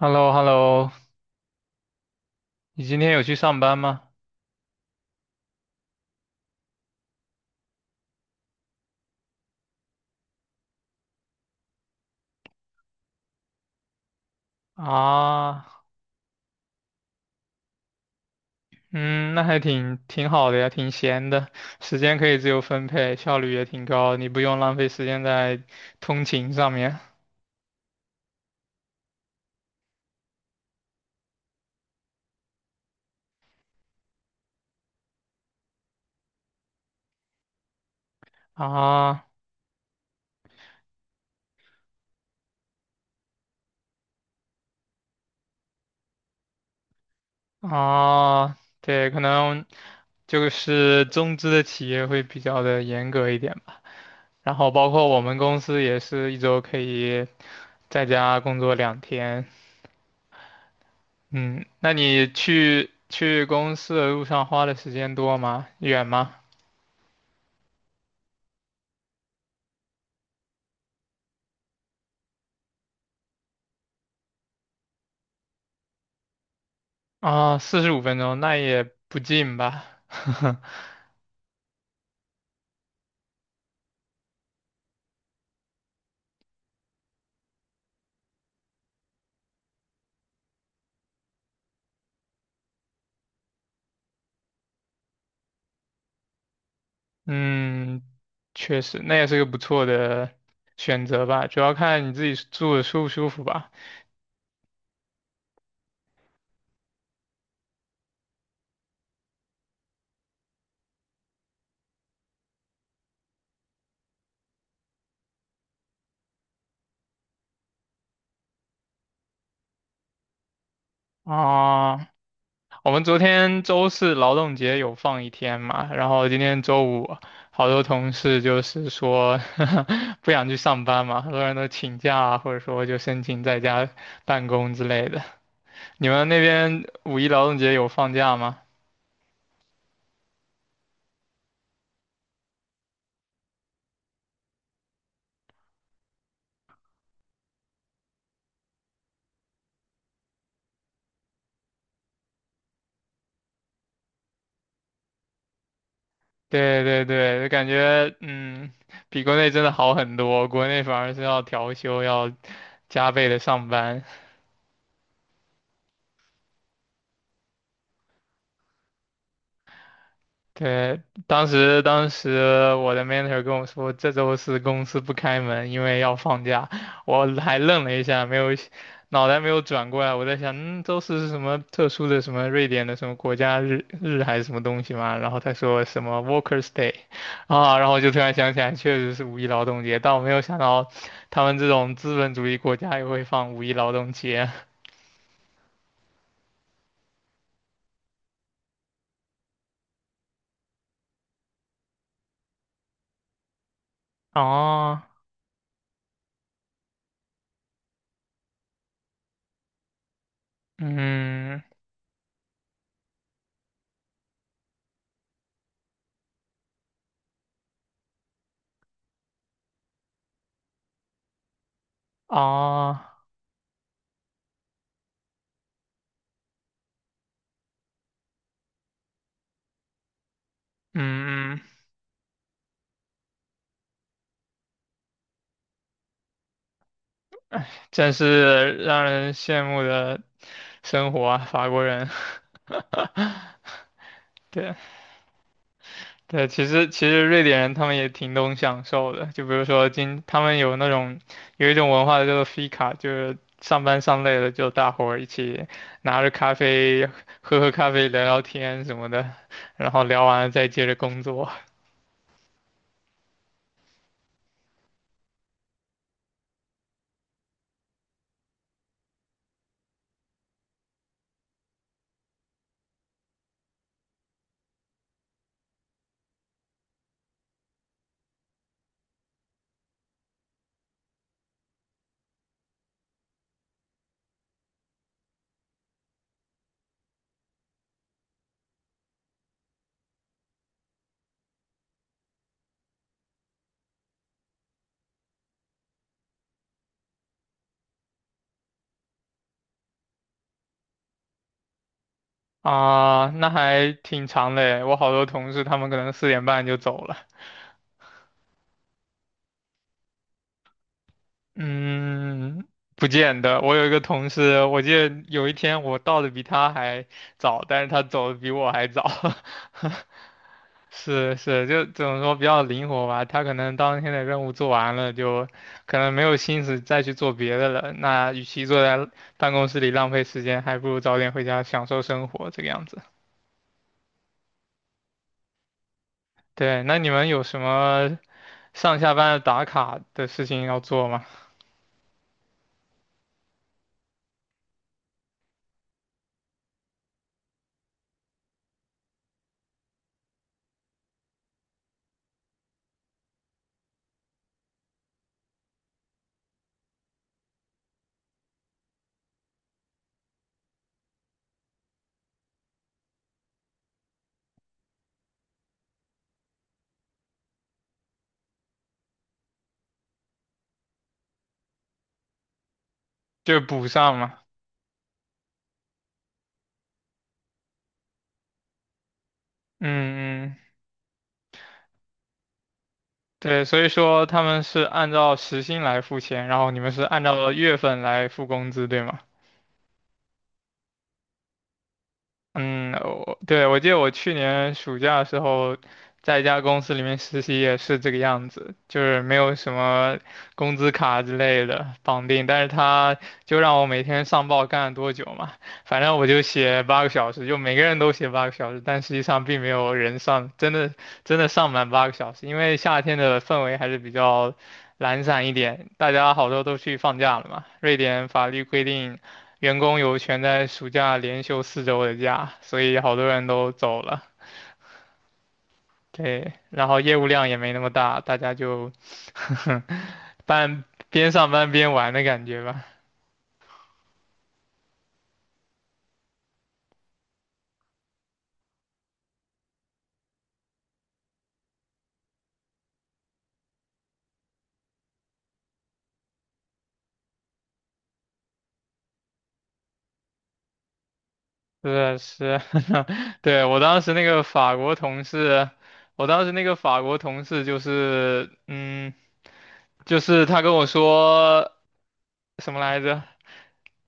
h e l l o h e l l o 你今天有去上班吗？啊，嗯，那还挺好的呀，挺闲的，时间可以自由分配，效率也挺高，你不用浪费时间在通勤上面。啊啊，对，可能就是中资的企业会比较的严格一点吧，然后包括我们公司也是一周可以在家工作2天。嗯，那你去公司的路上花的时间多吗？远吗？啊，45分钟，那也不近吧？嗯，确实，那也是个不错的选择吧，主要看你自己住的舒不舒服吧。啊，我们昨天周四劳动节有放一天嘛，然后今天周五，好多同事就是说 不想去上班嘛，很多人都请假啊，或者说就申请在家办公之类的。你们那边五一劳动节有放假吗？对对对，就感觉嗯，比国内真的好很多，国内反而是要调休，要加倍的上班。对，当时我的 mentor 跟我说，这周四公司不开门，因为要放假。我还愣了一下，没有脑袋没有转过来，我在想，嗯，周四是什么特殊的什么瑞典的什么国家日还是什么东西嘛？然后他说什么 Workers' Day 啊，然后我就突然想起来，确实是五一劳动节，但我没有想到他们这种资本主义国家也会放五一劳动节。哦，嗯，哦，嗯嗯。真是让人羡慕的生活啊，法国人。对对，其实瑞典人他们也挺懂享受的，就比如说他们有一种文化叫做 fika，就是上班上累了就大伙儿一起拿着咖啡喝喝咖啡聊聊天什么的，然后聊完了再接着工作啊，那还挺长的诶，我好多同事他们可能4点半就走了。嗯，不见得。我有一个同事，我记得有一天我到的比他还早，但是他走的比我还早。是是，就怎么说比较灵活吧。他可能当天的任务做完了，就可能没有心思再去做别的了。那与其坐在办公室里浪费时间，还不如早点回家享受生活这个样子。对，那你们有什么上下班打卡的事情要做吗？就是补上嘛。嗯嗯对，所以说他们是按照时薪来付钱，然后你们是按照月份来付工资，对吗？嗯，我对我记得我去年暑假的时候，在一家公司里面实习也是这个样子，就是没有什么工资卡之类的绑定，但是他就让我每天上报干了多久嘛，反正我就写八个小时，就每个人都写八个小时，但实际上并没有人上，真的上满八个小时，因为夏天的氛围还是比较懒散一点，大家好多都去放假了嘛，瑞典法律规定。员工有权在暑假连休4周的假，所以好多人都走了。对，然后业务量也没那么大，大家就 半边上班边玩的感觉吧。是是，对，我当时那个法国同事，我当时那个法国同事就是，嗯，就是他跟我说什么来着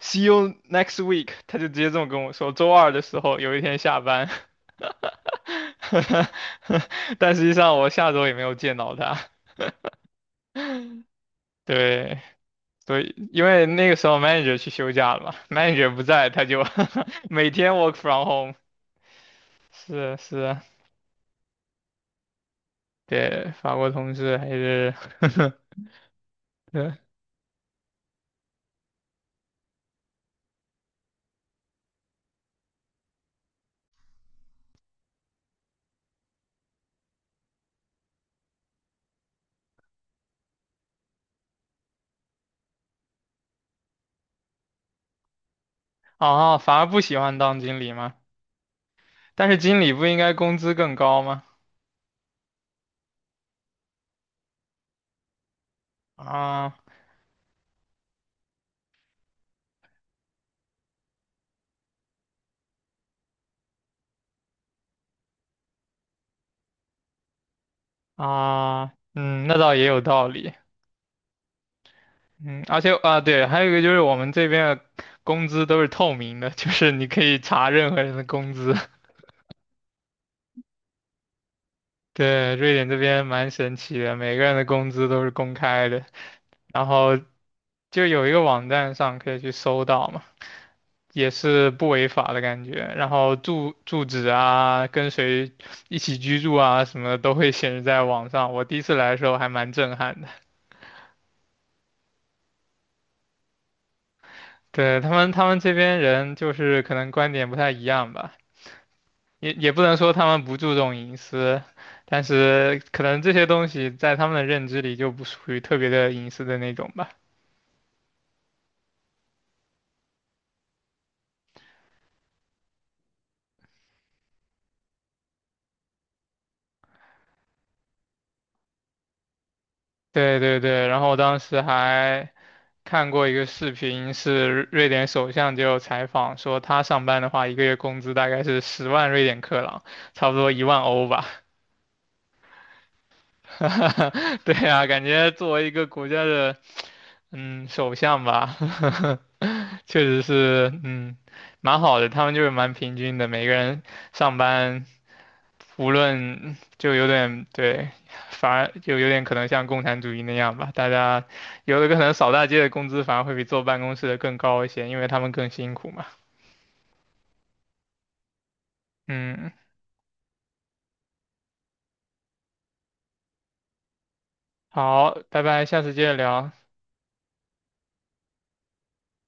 ？See you next week，他就直接这么跟我说。周二的时候有一天下班，但实际上我下周也没有见到他。对，所以因为那个时候 manager 去休假了嘛，manager 不在，他就 每天 work from home。是是，对，法国同事还是 对啊，反而不喜欢当经理吗？但是经理不应该工资更高吗？啊啊，嗯，那倒也有道理。嗯，而且啊，对，还有一个就是我们这边的工资都是透明的，就是你可以查任何人的工资。对，瑞典这边蛮神奇的，每个人的工资都是公开的，然后就有一个网站上可以去搜到嘛，也是不违法的感觉。然后住址啊，跟谁一起居住啊，什么的都会显示在网上。我第一次来的时候还蛮震撼的。对，他们，他们这边人就是可能观点不太一样吧。也不能说他们不注重隐私，但是可能这些东西在他们的认知里就不属于特别的隐私的那种吧。对对对，然后我当时还看过一个视频，是瑞典首相就有采访说，他上班的话，一个月工资大概是10万瑞典克朗，差不多1万欧吧。对啊，感觉作为一个国家的嗯首相吧，确实是嗯蛮好的，他们就是蛮平均的，每个人上班。无论就有点对，反而就有点可能像共产主义那样吧。大家有的可能扫大街的工资反而会比坐办公室的更高一些，因为他们更辛苦嘛。嗯，好，拜拜，下次接着聊。